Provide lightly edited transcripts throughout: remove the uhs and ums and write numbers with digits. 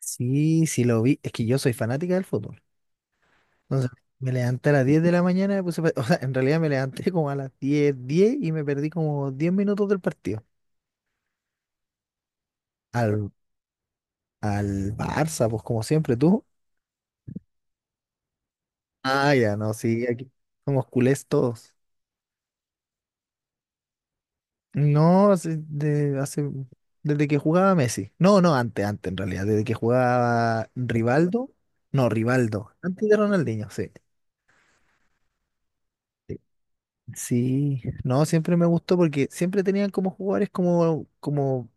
Sí, sí lo vi. Es que yo soy fanática del fútbol. Entonces, me levanté a las 10 de la mañana, me puse o sea, en realidad me levanté como a las diez y me perdí como 10 minutos del partido. Al, al Barça, pues como siempre, tú. Ah, ya, no, sí, aquí somos culés todos. No, desde que jugaba Messi. No, no, antes, en realidad, desde que jugaba Rivaldo. No, Rivaldo, antes de Ronaldinho, sí. Sí, no, siempre me gustó porque siempre tenían como jugadores como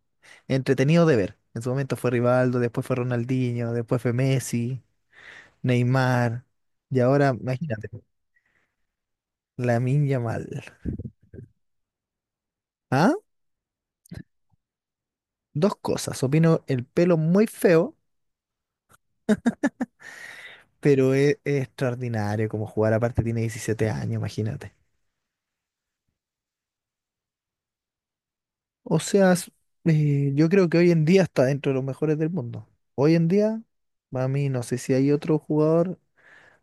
entretenidos de ver. En su momento fue Rivaldo, después fue Ronaldinho, después fue Messi, Neymar, y ahora, imagínate, Lamine Yamal. ¿Ah? Dos cosas. Opino el pelo muy feo, pero es extraordinario como jugar. Aparte tiene 17 años, imagínate. O sea, yo creo que hoy en día está dentro de los mejores del mundo. Hoy en día, para mí, no sé si hay otro jugador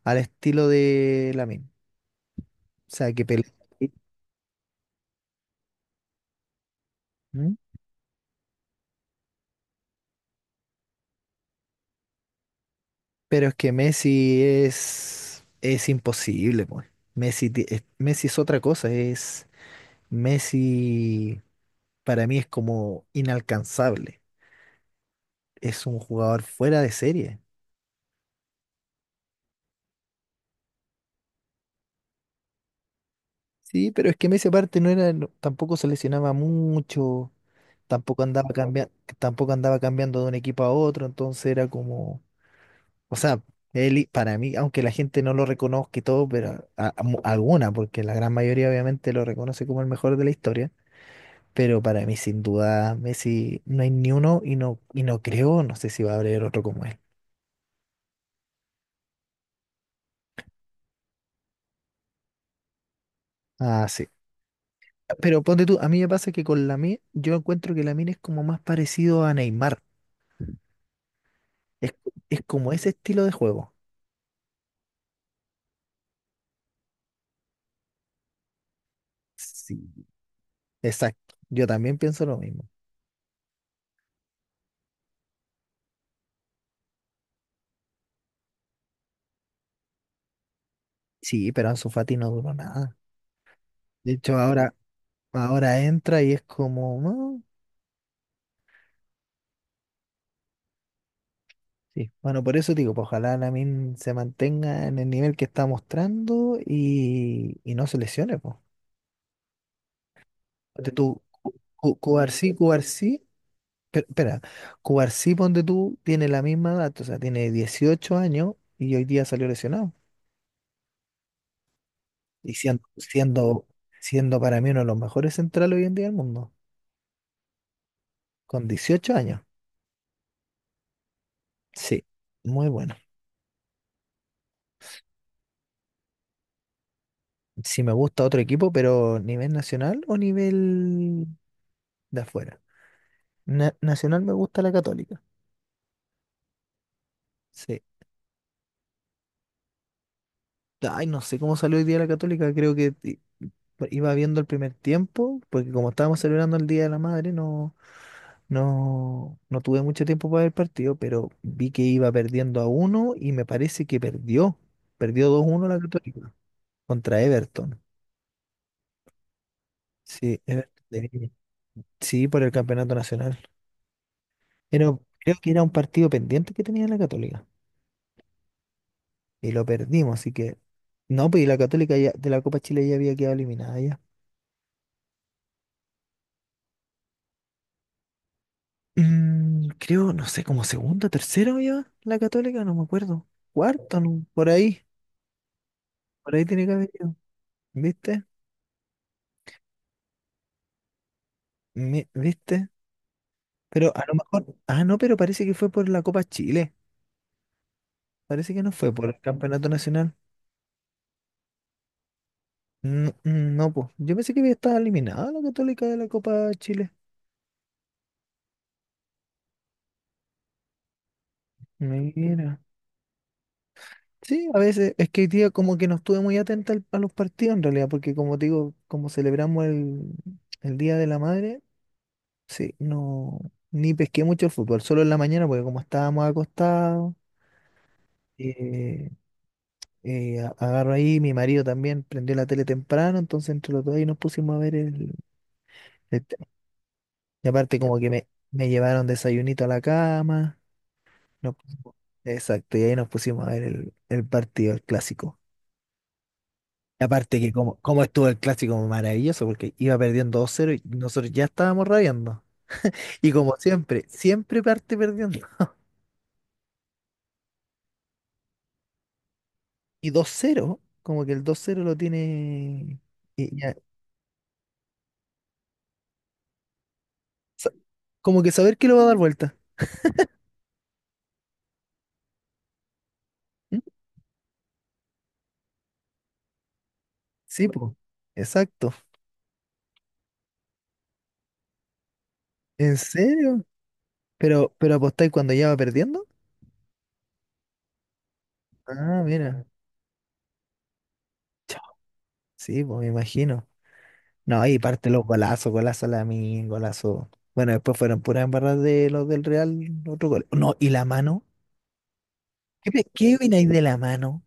al estilo de Lamine. O sea, que pelea. ¿Mm? Pero es que Messi es imposible, pues. Messi, Messi es otra cosa, es Messi para mí es como inalcanzable. Es un jugador fuera de serie. Sí, pero es que Messi aparte no era, tampoco se lesionaba mucho, tampoco andaba cambiando, tampoco andaba cambiando de un equipo a otro, entonces era como o sea, él, para mí, aunque la gente no lo reconozca y todo, pero alguna, porque la gran mayoría obviamente lo reconoce como el mejor de la historia, pero para mí sin duda Messi no hay ni uno y no, creo, no sé si va a haber otro como él. Ah, sí. Pero ponte tú, a mí me pasa que con Lamine, yo encuentro que Lamine es como más parecido a Neymar, es, es como ese estilo de juego. Sí. Exacto, yo también pienso lo mismo. Sí, pero Ansu Fati no duró nada. De hecho, ahora, ahora entra y es como... "Ah, sí, bueno, por eso digo, pues ojalá Lamin se mantenga en el nivel que está mostrando y no se lesione, pues. Ponte tú, Cubarsí, Cubarsí, espera, Cubarsí, ponte tú, tiene la misma edad, o sea, tiene 18 años y hoy día salió lesionado. Y siendo, siendo, siendo para mí uno de los mejores centrales hoy en día del mundo, con 18 años. Sí, muy bueno. Si me gusta otro equipo, pero nivel nacional o nivel de afuera. Nacional me gusta la Católica. Sí. Ay, no sé cómo salió hoy día la Católica, creo que iba viendo el primer tiempo, porque como estábamos celebrando el Día de la Madre, no, no tuve mucho tiempo para ver el partido, pero vi que iba perdiendo a uno y me parece que perdió. Perdió 2-1 la Católica contra Everton. Sí, Everton de Viña. Sí, por el campeonato nacional. Pero creo que era un partido pendiente que tenía la Católica y lo perdimos, así que no, pues y la Católica ya, de la Copa Chile ya había quedado eliminada. Mm, creo, no sé, como segunda, tercera ya, la Católica, no me acuerdo. Cuarta, no, por ahí tiene que haber ido, ¿viste? ¿Viste? Pero a lo mejor, ah, no, pero parece que fue por la Copa Chile, parece que no fue por el Campeonato Nacional. No, mm, no, pues, yo pensé que había estado eliminada la Católica de la Copa Chile. Mira. Sí, a veces es que hoy día como que no estuve muy atenta a los partidos en realidad, porque como te digo, como celebramos el Día de la Madre, sí, no, ni pesqué mucho el fútbol, solo en la mañana, porque como estábamos acostados, eh, agarro ahí, mi marido también prendió la tele temprano, entonces entre los dos ahí nos pusimos a ver el tema. Y aparte como que me llevaron desayunito a la cama, nos pusimos- exacto, y ahí nos pusimos a ver el partido, el clásico. Y aparte que como, como estuvo el clásico maravilloso, porque iba perdiendo 2-0 y nosotros ya estábamos rabiando. Y como siempre, siempre parte perdiendo. Y 2-0 como que el 2-0 lo tiene... y ya, sa- como que saber que lo va a dar vuelta. ¿Mm? Sí, pues. Exacto. ¿En serio? ¿Pero apostáis cuando ya va perdiendo? Ah, mira. Chao. Sí, pues me imagino. No, ahí parte los golazos, golazo Lamine, golazo. Bueno, después fueron puras embarradas de los del Real, otro gol. No, y la mano. ¿Qué, qué opináis de la mano?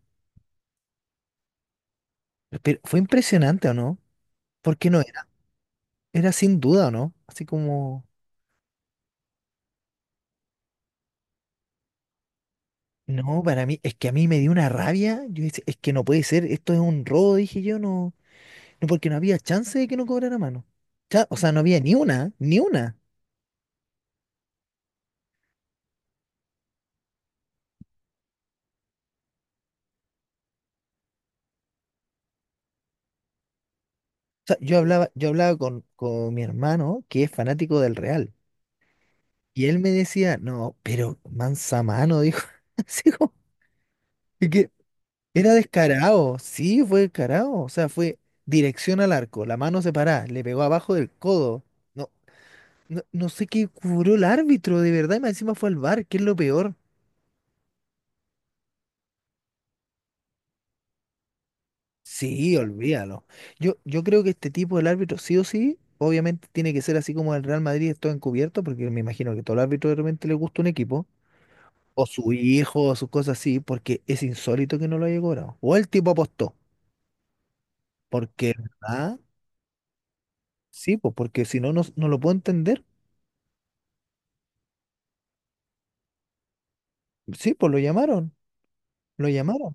Pero fue impresionante, ¿o no? Porque no era. Era sin duda, ¿o no? Así como. No, para mí, es que a mí me dio una rabia. Yo dije, es que no puede ser, esto es un robo, dije yo, no, no, porque no había chance de que no cobrara mano. O sea, no había ni una, ni una. O sea, yo hablaba con mi hermano, que es fanático del Real, y él me decía, no, pero mansa mano, dijo, así como, es que era descarado, sí, fue descarado, o sea, fue dirección al arco, la mano separada, le pegó abajo del codo. No, no sé qué cobró el árbitro, de verdad, y más encima fue al bar que es lo peor. Sí, olvídalo. Yo creo que este tipo del árbitro, sí o sí, obviamente tiene que ser así como el Real Madrid, esto encubierto, porque me imagino que todo el árbitro de repente le gusta un equipo, o su hijo, o sus cosas así, porque es insólito que no lo haya cobrado. O el tipo apostó, porque, ah, sí, pues porque si no, no, no lo puedo entender. Sí, pues lo llamaron, lo llamaron.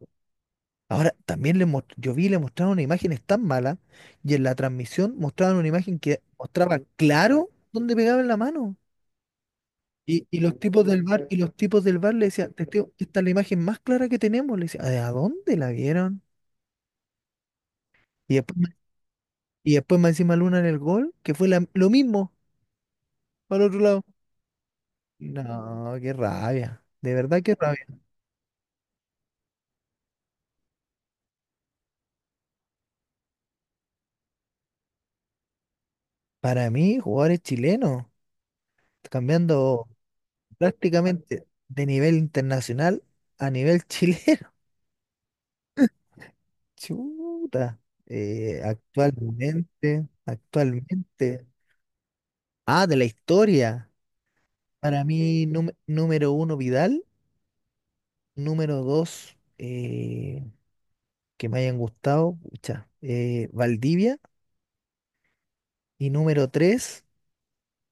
Ahora, también le yo vi, le mostraron imágenes tan malas, y en la transmisión mostraban una imagen que mostraba claro dónde pegaban la mano. Y los tipos del bar, le decían, "Te estoy- esta es la imagen más clara que tenemos." Le decía, ¿a dónde la vieron? Y después, y después más encima Luna en el gol, que fue lo mismo para el otro lado. No, qué rabia. De verdad, qué rabia. Para mí, jugadores chilenos, cambiando prácticamente de nivel internacional a nivel chileno. Chuta. Actualmente, actualmente. Ah, de la historia. Para mí, número uno, Vidal. Número dos, que me hayan gustado, pucha, Valdivia. Y número tres,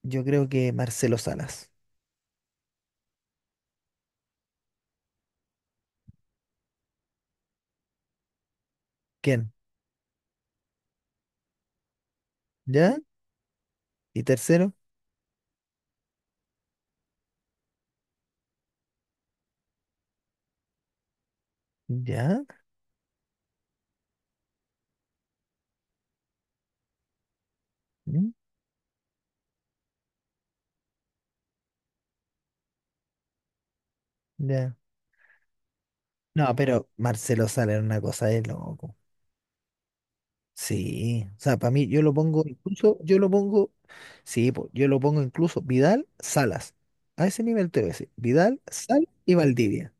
yo creo que Marcelo Salas. ¿Quién? ¿Ya? ¿Y tercero? ¿Ya? ¿Mm? ¿Ya? No, pero Marcelo Salas era una cosa de loco. Sí, o sea, para mí yo lo pongo, sí, po, yo lo pongo incluso Vidal, Salas. A ese nivel te voy a decir, Vidal, Salas y Valdivia.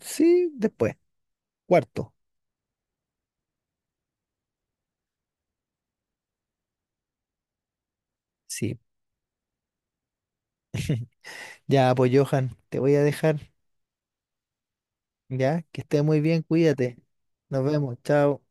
Sí, después, cuarto. Sí. Ya, pues Johan, te voy a dejar. Ya, que estés muy bien, cuídate. Nos vemos, chao.